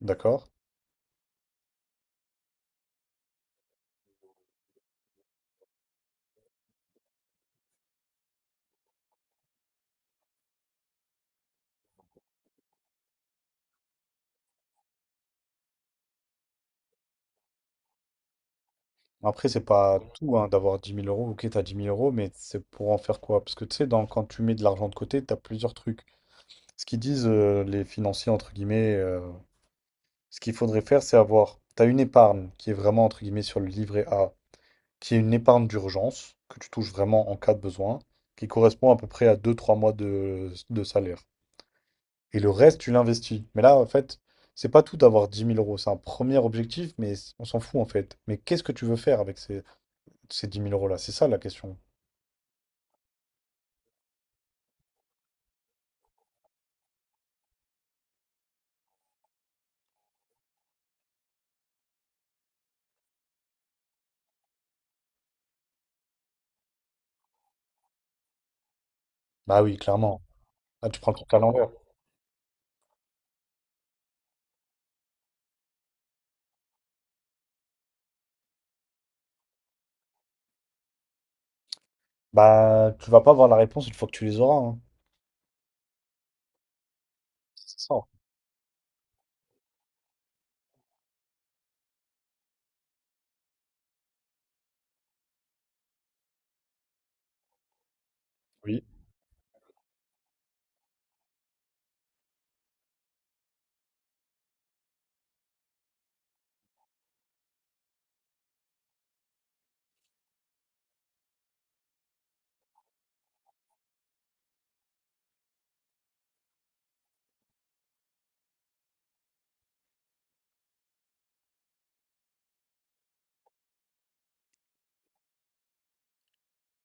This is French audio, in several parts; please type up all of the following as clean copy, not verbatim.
D'accord. Après, c'est pas tout hein, d'avoir dix mille euros. Ok, t'as dix mille euros, mais c'est pour en faire quoi? Parce que tu sais, quand tu mets de l'argent de côté, t'as plusieurs trucs. Ce qu'ils disent les financiers, entre guillemets, ce qu'il faudrait faire, c'est avoir. T'as une épargne qui est vraiment, entre guillemets, sur le livret A, qui est une épargne d'urgence, que tu touches vraiment en cas de besoin, qui correspond à peu près à 2 3 mois de salaire. Et le reste, tu l'investis. Mais là, en fait, c'est pas tout d'avoir dix mille euros. C'est un premier objectif, mais on s'en fout, en fait. Mais qu'est-ce que tu veux faire avec ces. Ces 10 000 € là, c'est ça la question. Bah oui, clairement. Là, tu prends le truc à l'envers. Bah, tu vas pas avoir la réponse une fois que tu les auras, hein. C'est ça. Oui.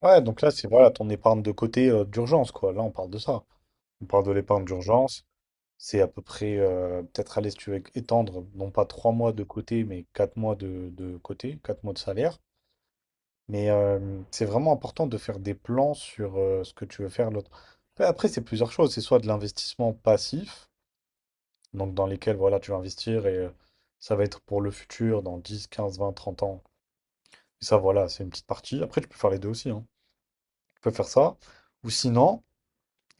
Ouais, donc là, c'est voilà ton épargne de côté d'urgence, quoi. Là, on parle de ça. On parle de l'épargne d'urgence. C'est à peu près, peut-être, aller, si tu veux étendre, non pas 3 mois de côté, mais 4 mois de côté, 4 mois de salaire. Mais c'est vraiment important de faire des plans sur ce que tu veux faire l'autre. Après, c'est plusieurs choses. C'est soit de l'investissement passif, donc dans lesquels voilà, tu vas investir et ça va être pour le futur, dans 10 15 20 30 ans. Et ça, voilà, c'est une petite partie. Après, tu peux faire les deux aussi, hein. Tu peux faire ça. Ou sinon,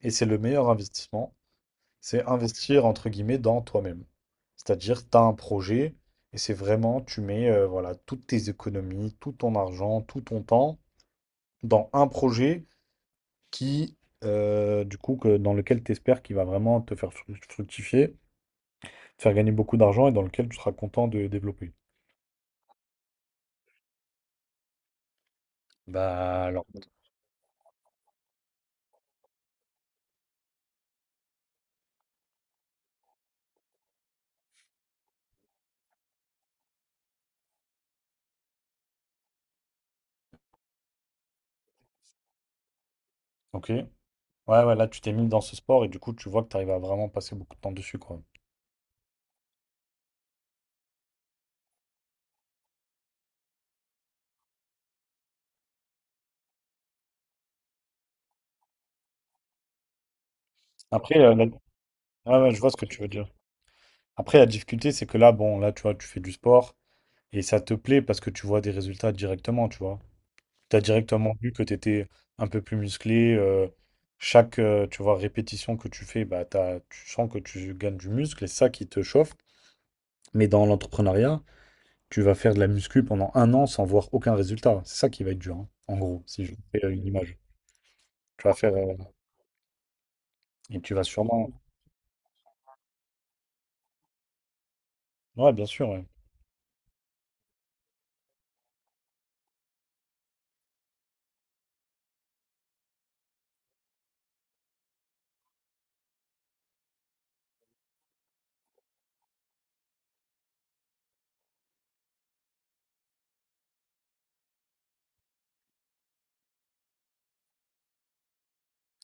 et c'est le meilleur investissement, c'est investir entre guillemets dans toi-même. C'est-à-dire, tu as un projet et c'est vraiment, tu mets voilà, toutes tes économies, tout ton argent, tout ton temps dans un projet qui, du coup, que, dans lequel tu espères qu'il va vraiment te faire fructifier, te faire gagner beaucoup d'argent et dans lequel tu seras content de développer. Bah alors, ok. Ouais, ouais, là, tu t'es mis dans ce sport et du coup, tu vois que tu arrives à vraiment passer beaucoup de temps dessus, quoi. Après, ouais, ouais, je vois ce que tu veux dire. Après, la difficulté, c'est que là, bon, là, tu vois, tu fais du sport. Et ça te plaît parce que tu vois des résultats directement, tu vois. Tu as directement vu que tu étais un peu plus musclé. Chaque, tu vois, répétition que tu fais, bah, tu sens que tu gagnes du muscle et c'est ça qui te chauffe. Mais dans l'entrepreneuriat, tu vas faire de la muscu pendant 1 an sans voir aucun résultat. C'est ça qui va être dur, hein, en gros, si je fais une image. Tu vas faire... et tu vas sûrement... Ouais, bien sûr, ouais.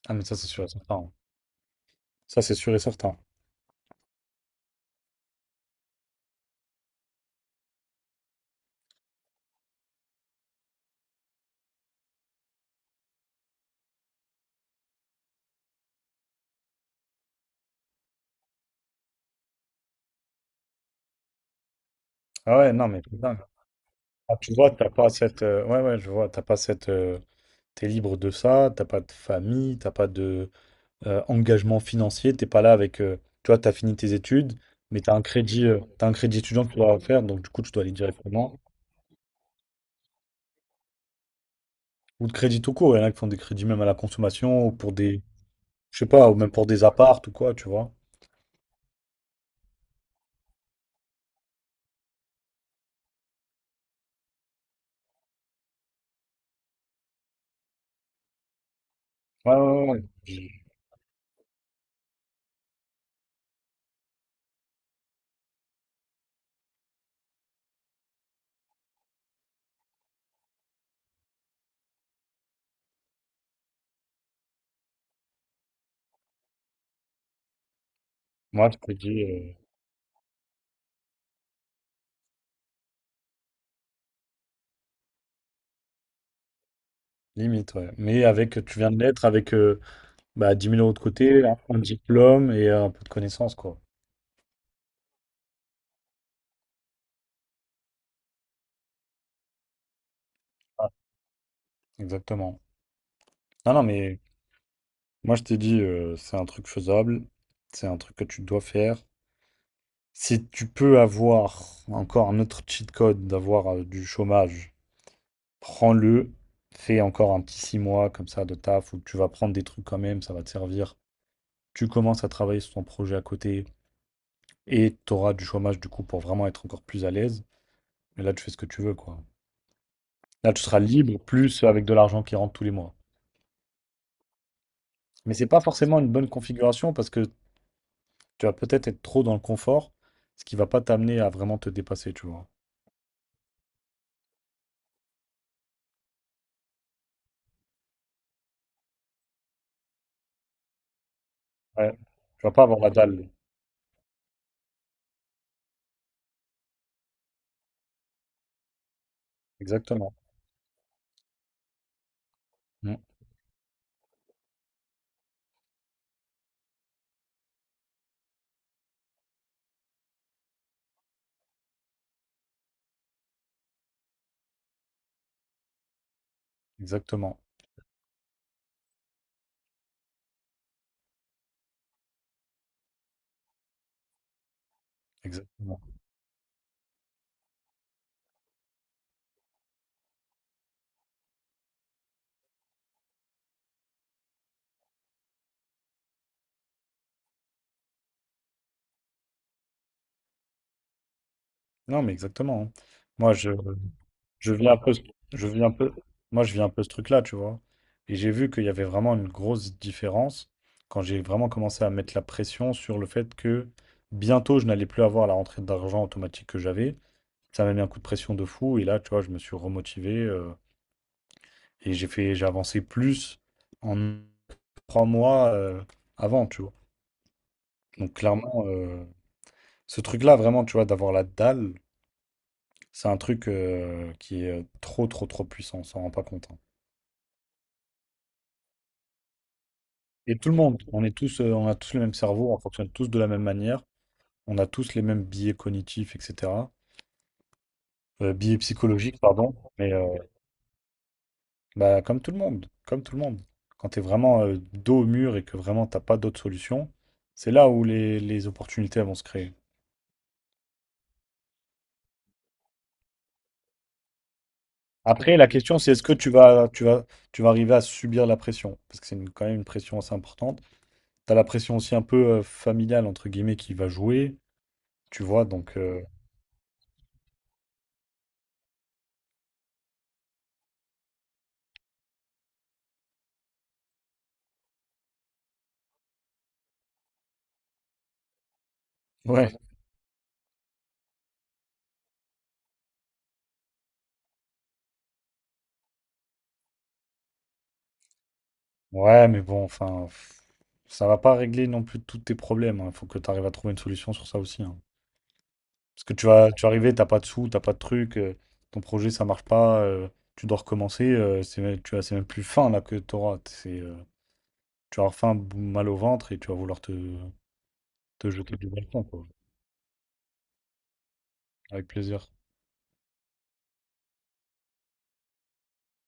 Ah, mais ça, c'est sûr et certain, hein. Ça, c'est sûr et certain. Ah ouais, non, mais putain. Ah, tu vois, t'as pas cette. Ouais, ouais, je vois, t'as pas cette. T'es libre de ça, t'as pas de famille, t'as pas de engagement financier, t'es pas là avec. Tu vois, t'as fini tes études, mais t'as un crédit étudiant que tu dois faire, donc du coup, tu dois aller directement. Ou de crédit tout court, il y en a qui font des crédits même à la consommation, ou pour des, je sais pas, ou même pour des apparts ou quoi, tu vois. Ouais. Je- moi, je te dis limite, ouais. Mais avec, tu viens de l'être avec bah, 10 000 € de côté, un diplôme et un peu de connaissances, quoi. Ah, exactement. Non, non, mais moi, je t'ai dit, c'est un truc faisable, c'est un truc que tu dois faire. Si tu peux avoir encore un autre cheat code d'avoir du chômage, prends-le, fais encore un petit 6 mois comme ça de taf où tu vas prendre des trucs quand même, ça va te servir. Tu commences à travailler sur ton projet à côté et tu auras du chômage du coup pour vraiment être encore plus à l'aise. Mais là, tu fais ce que tu veux, quoi. Là, tu seras libre, plus avec de l'argent qui rentre tous les mois. Mais c'est pas forcément une bonne configuration parce que tu vas peut-être être trop dans le confort, ce qui va pas t'amener à vraiment te dépasser, tu vois. Ouais. Tu vas pas avoir la dalle. Exactement. Mm. Exactement. Exactement. Non, mais exactement, hein. Moi, je, Je viens un peu, ce- je viens un peu, moi je viens un peu ce truc-là, tu vois. Et j'ai vu qu'il y avait vraiment une grosse différence quand j'ai vraiment commencé à mettre la pression sur le fait que bientôt je n'allais plus avoir la rentrée d'argent automatique que j'avais. Ça m'a mis un coup de pression de fou et là, tu vois, je me suis remotivé et j'ai avancé plus en 3 mois avant, tu vois. Donc clairement, ce truc-là, vraiment, tu vois, d'avoir la dalle, c'est un truc qui est trop, trop, trop puissant, on s'en rend pas compte, hein. Et tout le monde, on est tous, on a tous le même cerveau, on fonctionne tous de la même manière, on a tous les mêmes biais cognitifs, etc. Biais psychologiques, pardon, mais bah, comme tout le monde, comme tout le monde. Quand tu es vraiment dos au mur et que vraiment t'as pas d'autre solution, c'est là où les opportunités elles vont se créer. Après, la question, c'est est-ce que tu vas, tu vas arriver à subir la pression? Parce que quand même une pression assez importante. Tu as la pression aussi un peu familiale, entre guillemets, qui va jouer, tu vois, donc... ouais, ouais, mais bon, enfin, pff, ça va pas régler non plus tous tes problèmes. Il faut que tu arrives à trouver une solution sur ça aussi, hein. Parce que tu vas arriver, t'as pas de sous, t'as pas de truc, ton projet ça marche pas, tu dois recommencer. C'est, tu as, c'est même plus faim là que t'auras. Tu vas avoir faim, mal au ventre et tu vas vouloir te, te jeter du balcon, quoi. Avec plaisir.